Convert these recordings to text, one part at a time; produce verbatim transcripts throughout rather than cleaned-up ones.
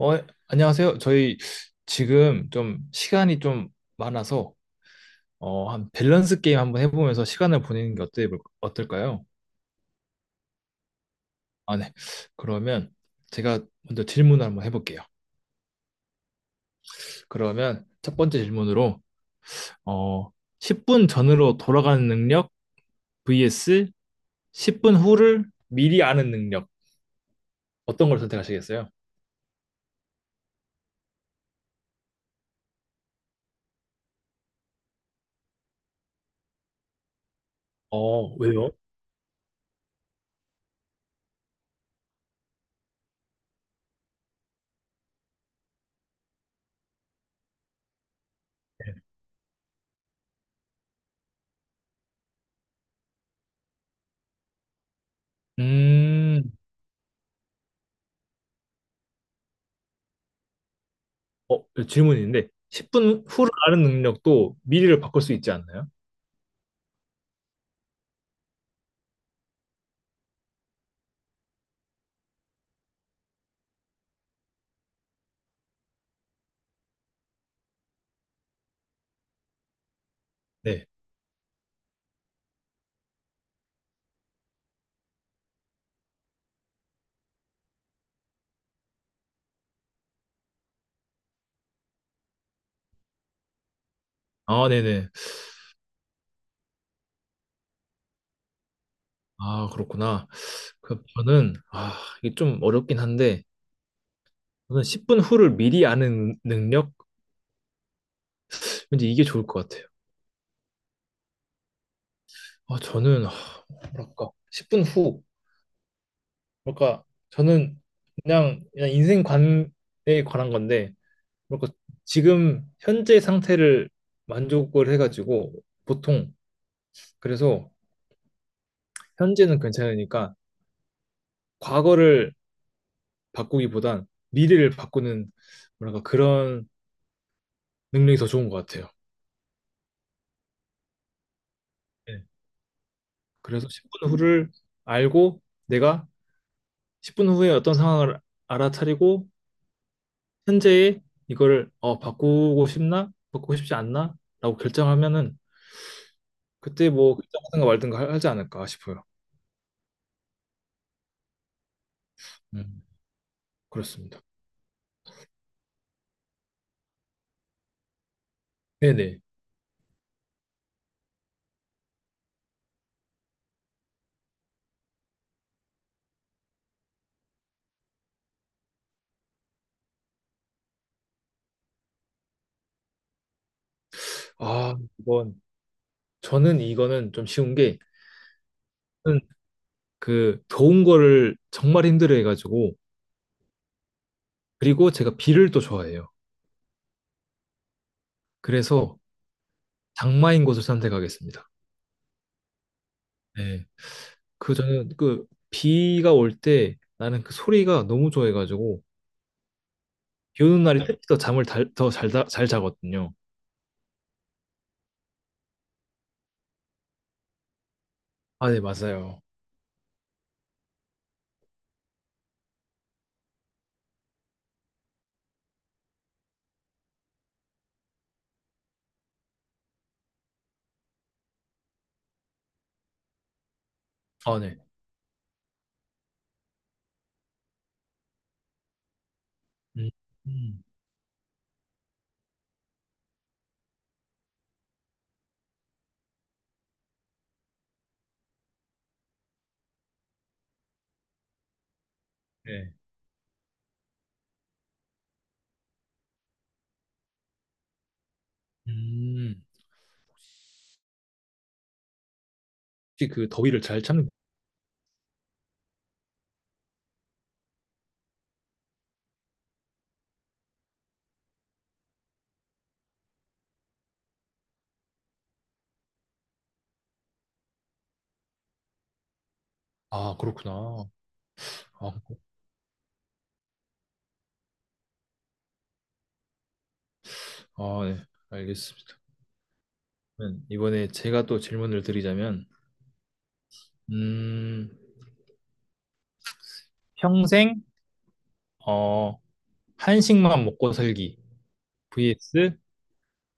어, 안녕하세요. 저희 지금 좀 시간이 좀 많아서 어, 한 밸런스 게임 한번 해보면서 시간을 보내는 게 어때, 어떨까요? 아, 네. 그러면 제가 먼저 질문을 한번 해볼게요. 그러면 첫 번째 질문으로 어, 십 분 전으로 돌아가는 능력 vs 십 분 후를 미리 아는 능력, 어떤 걸 선택하시겠어요? 어, 왜요? 음, 어, 질문인데 십 분 후를 아는 능력도 미리를 바꿀 수 있지 않나요? 네. 아, 네네. 아, 그렇구나. 그 저는 아, 이게 좀 어렵긴 한데, 저는 십 분 후를 미리 아는 능력? 왠지 이게 좋을 것 같아요. 아, 저는 아, 뭐랄까 십 분 후, 뭐랄까 저는 그냥 그냥 인생 관에 관한 건데, 뭐랄까 지금 현재 상태를 만족을 해가지고 보통, 그래서 현재는 괜찮으니까 과거를 바꾸기보단 미래를 바꾸는, 뭐랄까 그런 능력이 더 좋은 것 같아요. 네. 그래서 십 분 후를 알고 내가 십 분 후에 어떤 상황을 알아차리고 현재의 이거를, 어, 바꾸고 싶나? 바꾸고 싶지 않나? 라고 결정하면은 그때 뭐 결정하든가 말든가 하- 하지 않을까 싶어요. 음, 그렇습니다. 네네. 아, 이건, 저는 이거는 좀 쉬운 게, 저는 그 더운 거를 정말 힘들어 해가지고, 그리고 제가 비를 또 좋아해요. 그래서 장마인 곳을 선택하겠습니다. 네. 그 저는 그 비가 올 때 나는 그 소리가 너무 좋아해가지고, 비 오는 날이, 네, 특히 더 잠을 더잘 잘 자거든요. 아, 네, 맞아요. 아, 네. 음, 음, 네. 음, 혹시 그 더위를 잘 참는? 아, 그렇구나. 아, 아, 네. 알겠습니다. 그러면 이번에 제가 또 질문을 드리자면, 음, 평생 어 한식만 먹고 살기 vs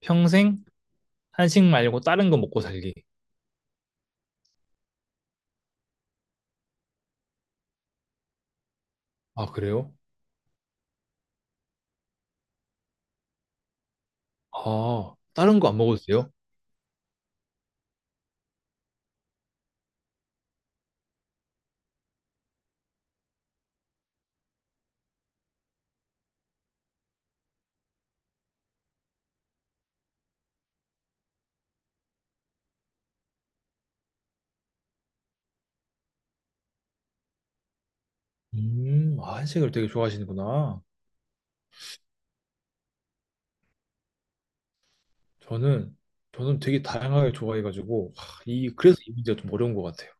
평생 한식 말고 다른 거 먹고 살기. 아, 그래요? 아, 다른 거 안 먹어도 돼요? 음, 아, 한식을 되게 좋아하시는구나. 저는, 저는 되게 다양하게 좋아해가지고, 하, 이, 그래서 이 문제가 좀 어려운 것 같아요.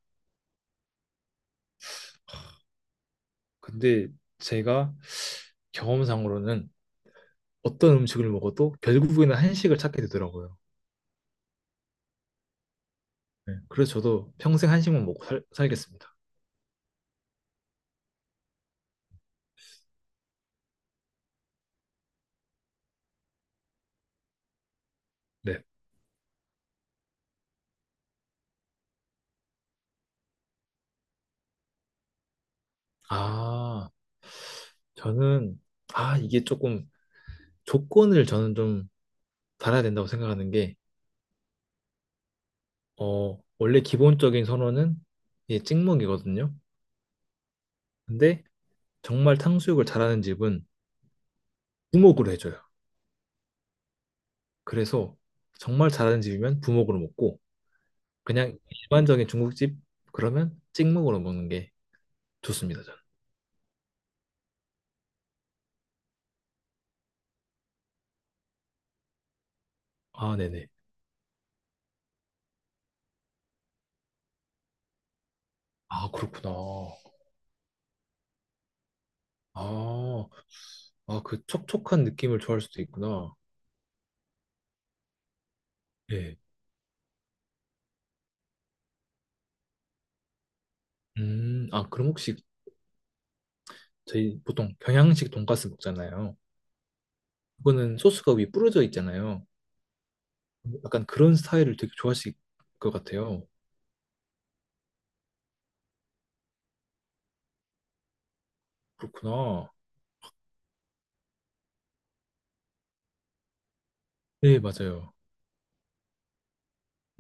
근데 제가 경험상으로는 어떤 음식을 먹어도 결국에는 한식을 찾게 되더라고요. 네, 그래서 저도 평생 한식만 먹고 살, 살겠습니다. 네. 아, 저는, 아, 이게 조금 조건을 저는 좀 달아야 된다고 생각하는 게, 어, 원래 기본적인 선호는 이게 찍먹이거든요. 근데 정말 탕수육을 잘하는 집은 부먹으로 해줘요. 그래서 정말 잘하는 집이면 부먹으로 먹고, 그냥 일반적인 중국집 그러면 찍먹으로 먹는 게 좋습니다, 저는. 아, 네네. 아, 그렇구나. 아, 아, 그 촉촉한 느낌을 좋아할 수도 있구나. 예. 음, 아, 그럼 혹시 저희 보통 경양식 돈가스 먹잖아요. 그거는 소스가 위에 뿌려져 있잖아요. 약간 그런 스타일을 되게 좋아하실 것 같아요. 그렇구나. 네, 맞아요.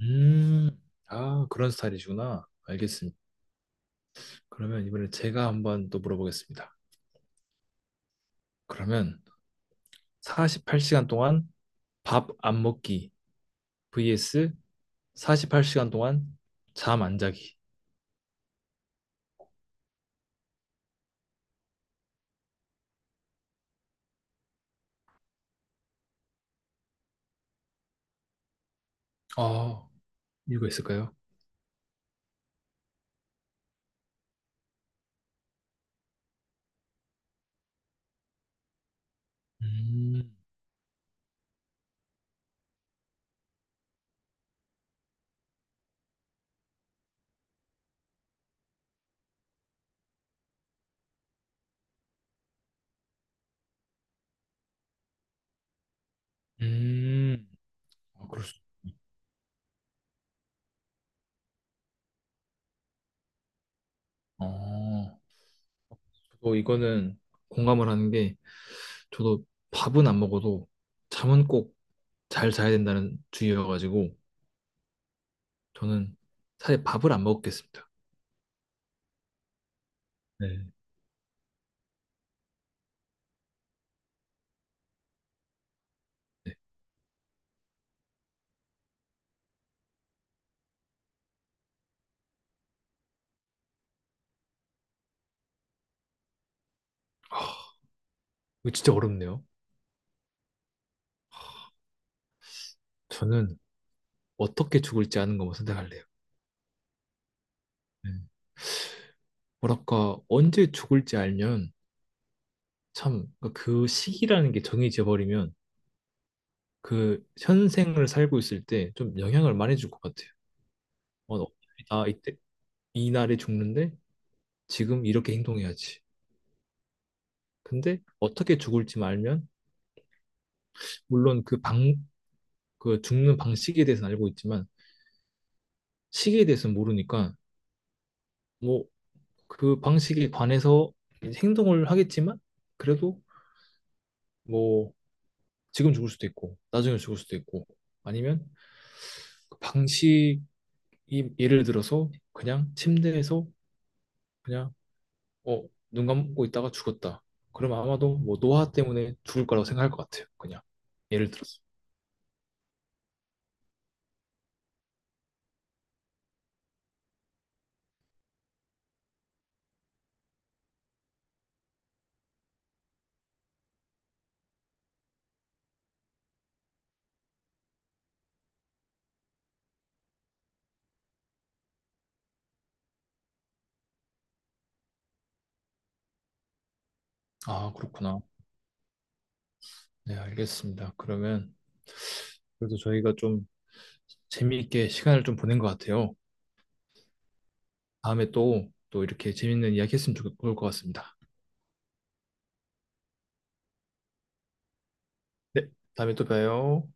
음, 아, 그런 스타일이시구나. 알겠습니다. 그러면 이번에 제가 한번 또 물어보겠습니다. 그러면 사십팔 시간 동안 밥 안 먹기 vs 사십팔 시간 동안 잠 안 자기. 아, 이유가 있을까요? 음, 음, 아, 그럴 수, 어, 저도 이거는 공감을 하는 게, 저도 밥은 안 먹어도 잠은 꼭 잘 자야 된다는 주의여가지고 저는 사실 밥을 안 먹겠습니다. 네, 네. 이거 진짜 어렵네요. 저는 어떻게 죽을지 아는 것만 선택할래요. 네. 뭐랄까 언제 죽을지 알면 참, 그 시기라는 게 정해져 버리면 그 현생을 살고 있을 때 좀 영향을 많이 줄 것 같아요. 어, 어차피 나 이때 이 날에 죽는데 지금 이렇게 행동해야지. 근데 어떻게 죽을지 알면, 물론 그 방 그 죽는 방식에 대해서는 알고 있지만 시기에 대해서는 모르니까, 뭐 그 방식에 관해서 행동을 하겠지만, 그래도 뭐 지금 죽을 수도 있고 나중에 죽을 수도 있고, 아니면 그 방식, 이, 예를 들어서 그냥 침대에서 그냥 어, 눈 감고 있다가 죽었다. 그럼 아마도 뭐 노화 때문에 죽을 거라고 생각할 것 같아요. 그냥 예를 들어서. 아, 그렇구나. 네, 알겠습니다. 그러면, 그래도 저희가 좀 재미있게 시간을 좀 보낸 것 같아요. 다음에 또, 또 이렇게 재밌는 이야기 했으면 좋을 것 같습니다. 네, 다음에 또 봬요.